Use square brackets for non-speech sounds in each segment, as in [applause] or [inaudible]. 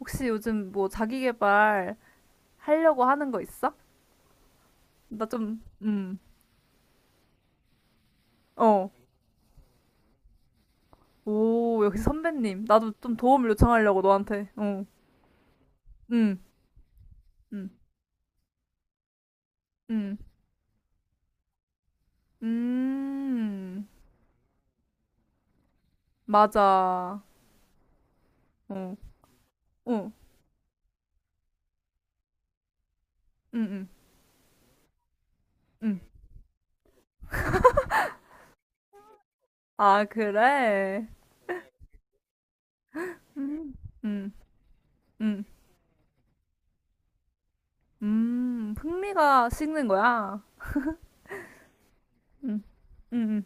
혹시 요즘 뭐 자기 개발 하려고 하는 거 있어? 나 좀, 어. 오, 역시 선배님. 나도 좀 도움을 요청하려고 너한테. 어, 음, 음, 음, 음. 맞아. 어, 어, 음, 음, 음. 아, 그래? 음, 음, 흥미가 식는 거야? 음, 음, 음.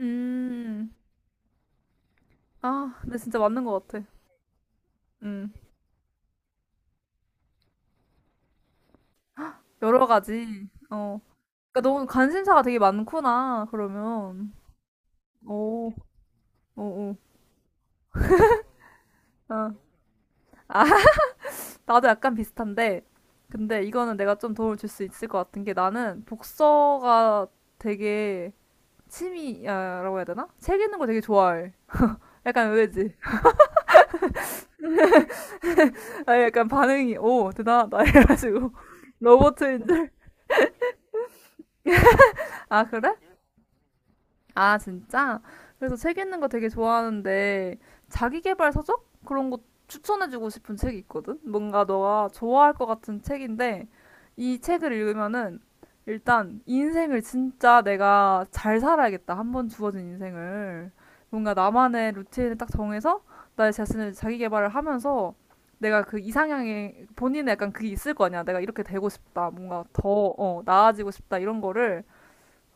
음. 아, 근데 진짜 맞는 것 같아. 음, 여러 가지. 어. 그러니까 너는 관심사가 되게 많구나, 그러면. 오, 오, 오. 아, 아, [laughs] 나도 약간 비슷한데, 근데 이거는 내가 좀 도움을 줄 수 있을 것 같은 게 나는 복서가 되게 취미라고 해야 되나? 책 읽는 거 되게 좋아해. 약간 의외지? 아, 약간 반응이, 오, 대단하다. [laughs] 이래가지고. 로봇인 줄. 아, 그래? 아, 진짜? 그래서 책 읽는 거 되게 좋아하는데, 자기계발 서적? 그런 거 추천해주고 싶은 책이 있거든? 뭔가 너가 좋아할 것 같은 책인데, 이 책을 읽으면은, 일단, 인생을 진짜 내가 잘 살아야겠다. 한 번 주어진 인생을. 뭔가 나만의 루틴을 딱 정해서, 나의 자신을 자기계발을 하면서, 내가 그 이상향에, 본인의 약간 그게 있을 거 아니야. 내가 이렇게 되고 싶다. 뭔가 더, 나아지고 싶다. 이런 거를,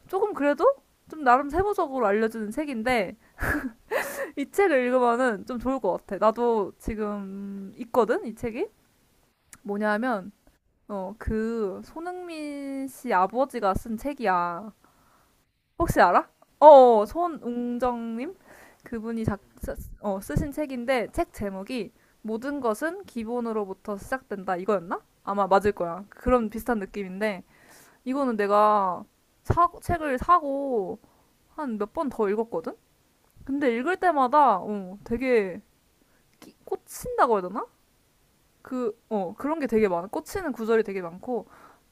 조금 그래도 좀 나름 세부적으로 알려주는 책인데 이 책을 읽으면은 좀 좋을 것 같아. 나도 지금 있거든 이 책이. 뭐냐면 어 그 손흥민 씨 아버지가 쓴 책이야. 혹시 알아? 어 어, 손웅정님. 그분이 쓰신 책인데 책 제목이 모든 것은 기본으로부터 시작된다 이거였나? 아마 맞을 거야. 그런 비슷한 느낌인데 이거는 내가 책을 사고 한 몇 번 더 읽었거든? 근데 읽을 때마다 되게 꽂힌다고 해야 되나? 그런 게 되게 많아. 꽂히는 구절이 되게 많고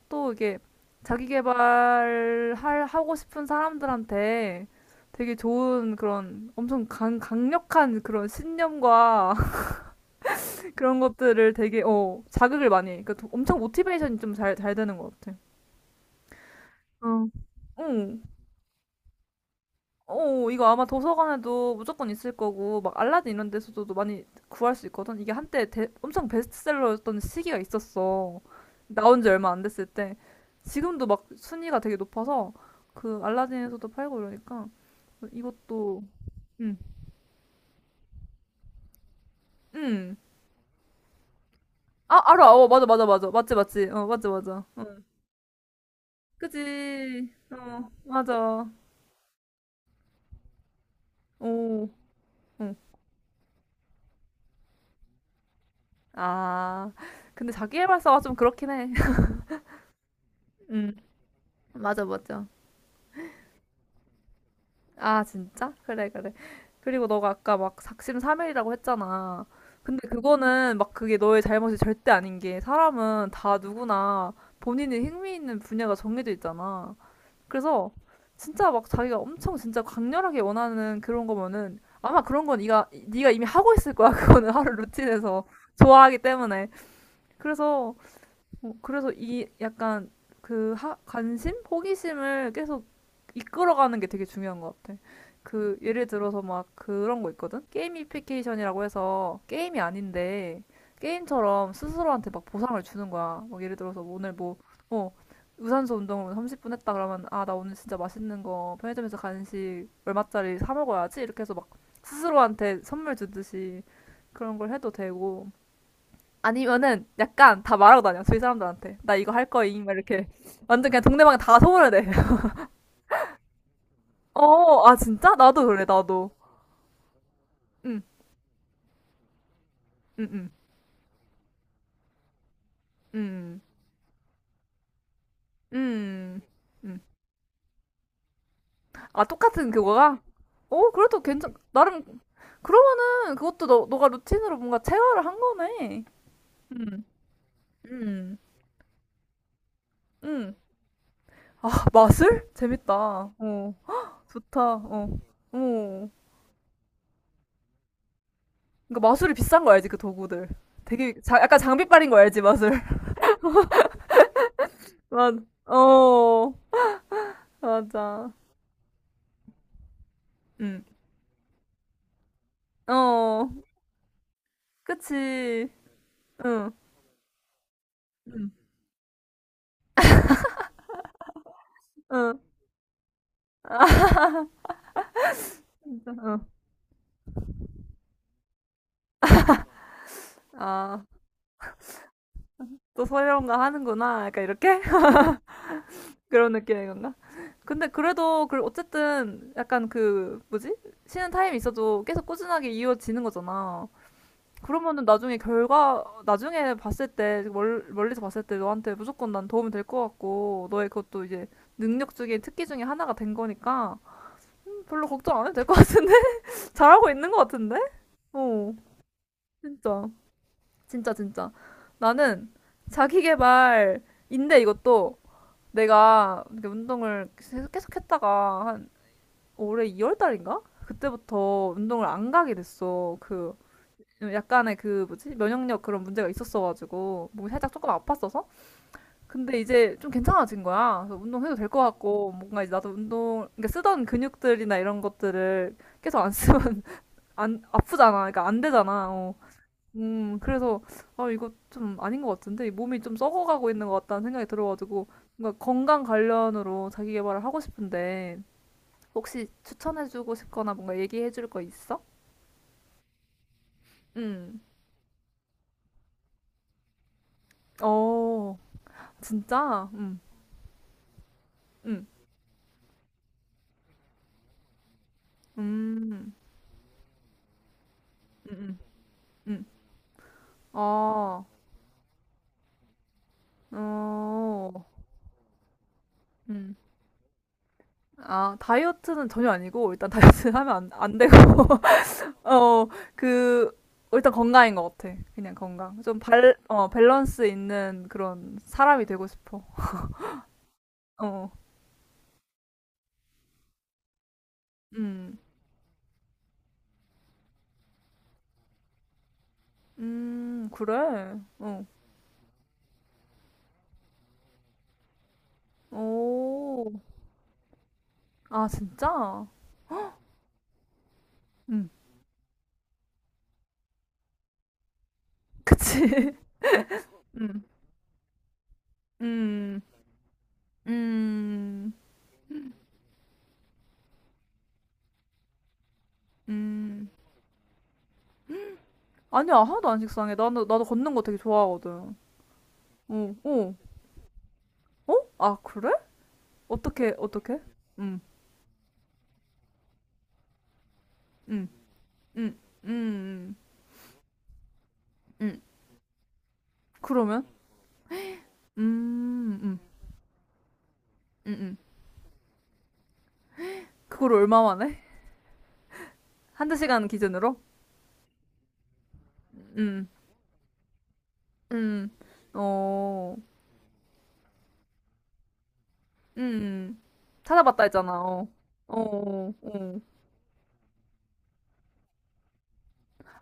또 이게 자기 개발할 하고 싶은 사람들한테 되게 좋은 그런 엄청 강력한 그런 신념과 [laughs] 그런 것들을 되게 자극을 많이 해. 그러니까 엄청 모티베이션이 좀 잘 되는 것 같아. 어, 응, 어, 이거 아마 도서관에도 무조건 있을 거고, 막 알라딘 이런 데서도 많이 구할 수 있거든. 이게 한때 엄청 베스트셀러였던 시기가 있었어. 나온 지 얼마 안 됐을 때. 지금도 막 순위가 되게 높아서, 그 알라딘에서도 팔고 이러니까, 이것도, 응, 응. 아, 알아. 어, 맞아, 맞아, 맞아. 맞지, 맞지. 어, 맞아, 맞아. 그지. 어, 맞아. 오, 응. 아, 근데 자기 개발사가 좀 그렇긴 해. [laughs] 응, 맞아, 맞아. 아, 진짜? 그래, 그래. 그리고 너가 아까 막 작심 삼일이라고 했잖아. 근데 그거는 막 그게 너의 잘못이 절대 아닌 게 사람은 다 누구나 본인이 흥미 있는 분야가 정해져 있잖아. 그래서 진짜 막 자기가 엄청 진짜 강렬하게 원하는 그런 거면은 아마 그런 건 네가 이미 하고 있을 거야. [laughs] 그거는 하루 루틴에서 좋아하기 때문에. 그래서 어, 그래서 이 약간 관심? 호기심을 계속 이끌어가는 게 되게 중요한 것 같아. 그 예를 들어서 막 그런 거 있거든? 게이미피케이션이라고 해서 게임이 아닌데 게임처럼 스스로한테 막 보상을 주는 거야. 막 예를 들어서 뭐 오늘 뭐, 어, 유산소 운동을 30분 했다 그러면 아, 나 오늘 진짜 맛있는 거 편의점에서 간식 얼마짜리 사 먹어야지. 이렇게 해서 막 스스로한테 선물 주듯이 그런 걸 해도 되고 아니면은 약간 다 말하고 다녀 주위 사람들한테 나 이거 할 거임 막 이렇게 완전 그냥 동네방에 다 소문을 내. [laughs] 어, 아 진짜? 나도 그래 나도. 응, 응, 응, 응, 응, 응. 아 똑같은 그거가? 어 그래도 괜찮. 나름 그러면은 그것도 너 너가 루틴으로 뭔가 체화를 한 거네. 응, 응, 응. 아 마술? 재밌다. 어 좋다. 어, 어. 그러니까 마술이 비싼 거 알지 그 도구들. 되게 약간 장비빨인 거 알지 마술? 맞, 어, 맞아. 응, 어, 그치. 응, 응. 응, 진짜, 응. 아, 또 소리론가 하는구나. 약간 이렇게? [laughs] 그런 느낌인 건가? 근데 그래도, 그, 어쨌든, 약간 그, 뭐지? 쉬는 타임이 있어도 계속 꾸준하게 이어지는 거잖아. 그러면은 나중에 결과, 나중에 봤을 때, 멀리서 봤을 때 너한테 무조건 난 도움이 될 것 같고, 너의 그것도 이제 능력 중에 특기 중에 하나가 된 거니까, 별로 걱정 안 해도 될 것 같은데? 잘하고 있는 것 같은데? 어, 진짜. 진짜, 진짜. 나는 자기 개발인데 이것도 내가 이렇게 운동을 계속 했다가 한 올해 2월 달인가? 그때부터 운동을 안 가게 됐어. 그, 약간의 그 뭐지? 면역력 그런 문제가 있었어가지고 몸이 살짝 조금 아팠어서 근데 이제 좀 괜찮아진 거야. 그래서 운동해도 될 것 같고 뭔가 이제 나도 운동 그러니까 쓰던 근육들이나 이런 것들을 계속 안 쓰면 [laughs] 안 아프잖아. 그러니까 안 되잖아. 어. 그래서, 아, 이거 좀 아닌 것 같은데, 이 몸이 좀 썩어가고 있는 것 같다는 생각이 들어가지고, 뭔가 건강 관련으로 자기 개발을 하고 싶은데, 혹시 추천해주고 싶거나 뭔가 얘기해줄 거 있어? 음, 어, 진짜? 음, 음, 음, 음, 음. 아, 어, 음. 아, 다이어트는 전혀 아니고, 일단 다이어트 하면 안 되고, 어, 어, 그, 어, 일단 건강인 것 같아. 그냥 건강. 좀 밸런스 있는 그런 사람이 되고 싶어. 어, 어. 음, 그래. 어, 오, 아, 진짜? 음, 그치. [laughs] 음, 음, 음, 음. 아니야, 하나도 안 식상해. 나도, 나도 걷는 거 되게 좋아하거든. 어, 어, 어? 아, 그래? 어떻게, 어떻게? 음, 음, 음, 음, 음, 음. 그러면? 음, 음. 응응 그걸 얼마 만에? 한두 시간 기준으로? 응 응 어, 응응 찾아봤다 했잖아. 어, 어, 어.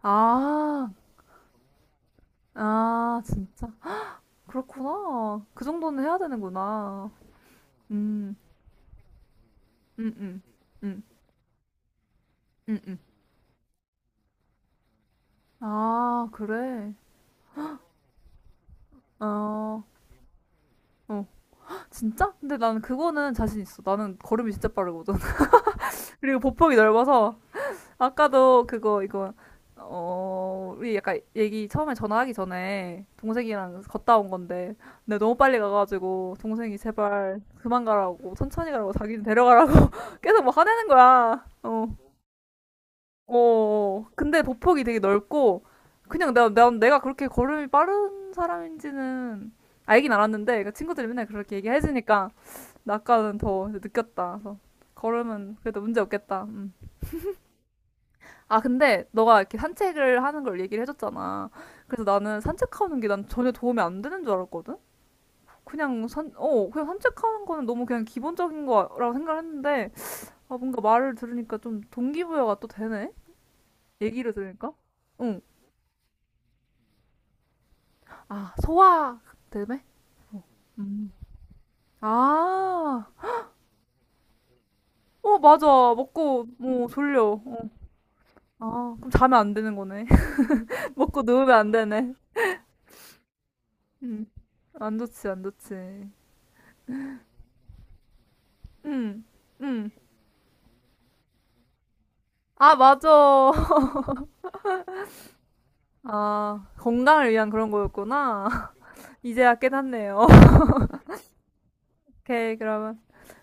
아, 아, 진짜. 그렇구나. 그 정도는 해야 되는구나. 음, 음, 음, 음, 음, 음. 아, 그래. 어, 어. 진짜? 근데 나는 그거는 자신 있어. 나는 걸음이 진짜 빠르거든. [laughs] 그리고 보폭이 넓어서 아까도 그거 이거 어 우리 약간 얘기 처음에 전화하기 전에 동생이랑 걷다 온 건데 내가 너무 빨리 가가지고 동생이 제발 그만 가라고 천천히 가라고 자기는 데려가라고 [laughs] 계속 뭐 화내는 거야 어, 어 어. 근데 보폭이 되게 넓고 그냥 내가 그렇게 걸음이 빠른 사람인지는 알긴 알았는데 그러니까 친구들이 맨날 그렇게 얘기해주니까 나 아까는 더 느꼈다 그래서 걸음은 그래도 문제 없겠다 아, 근데 너가 이렇게 산책을 하는 걸 얘기를 해줬잖아. 그래서 나는 산책하는 게 난 전혀 도움이 안 되는 줄 알았거든? 그냥 산책하는 거는 너무 그냥 기본적인 거라고 생각을 했는데, 아, 뭔가 말을 들으니까 좀 동기부여가 또 되네? 얘기를 들으니까? 응. 아, 소화 때문에? 음. 아, 어, 맞아. 먹고, 뭐, 졸려. 어. 아, 그럼 자면 안 되는 거네. [laughs] 먹고 누우면 안 되네. 음. 안 좋지, 안 좋지. 응, 응. 아, 맞아. 아, 건강을 위한 그런 거였구나. [laughs] 이제야 깨닫네요. [laughs] 오케이, 그러면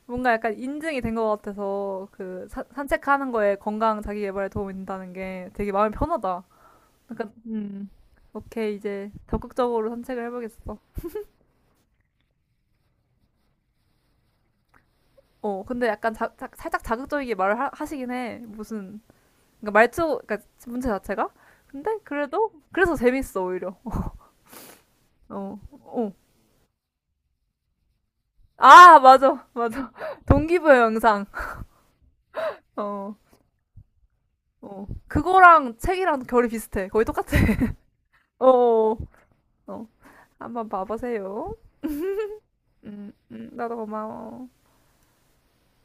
뭔가 약간 인증이 된 것 같아서 그 산책하는 거에 건강 자기 개발에 도움이 된다는 게 되게 마음이 편하다. 약간, 오케이, 이제 적극적으로 산책을 해보겠어. 어, 근데 약간 살짝 자극적이게 말을 시긴 해. 무슨, 그러니까 말투, 그러니까 문제 자체가? 근데 그래도, 그래서 재밌어, 오히려. 어, 어. 아, 맞아, 맞아. [laughs] 동기부여 영상. 어. 어. 그거랑 책이랑 결이 비슷해. 거의 똑같아. [laughs] 어. 어. 한번 봐보세요. 나도 고마워.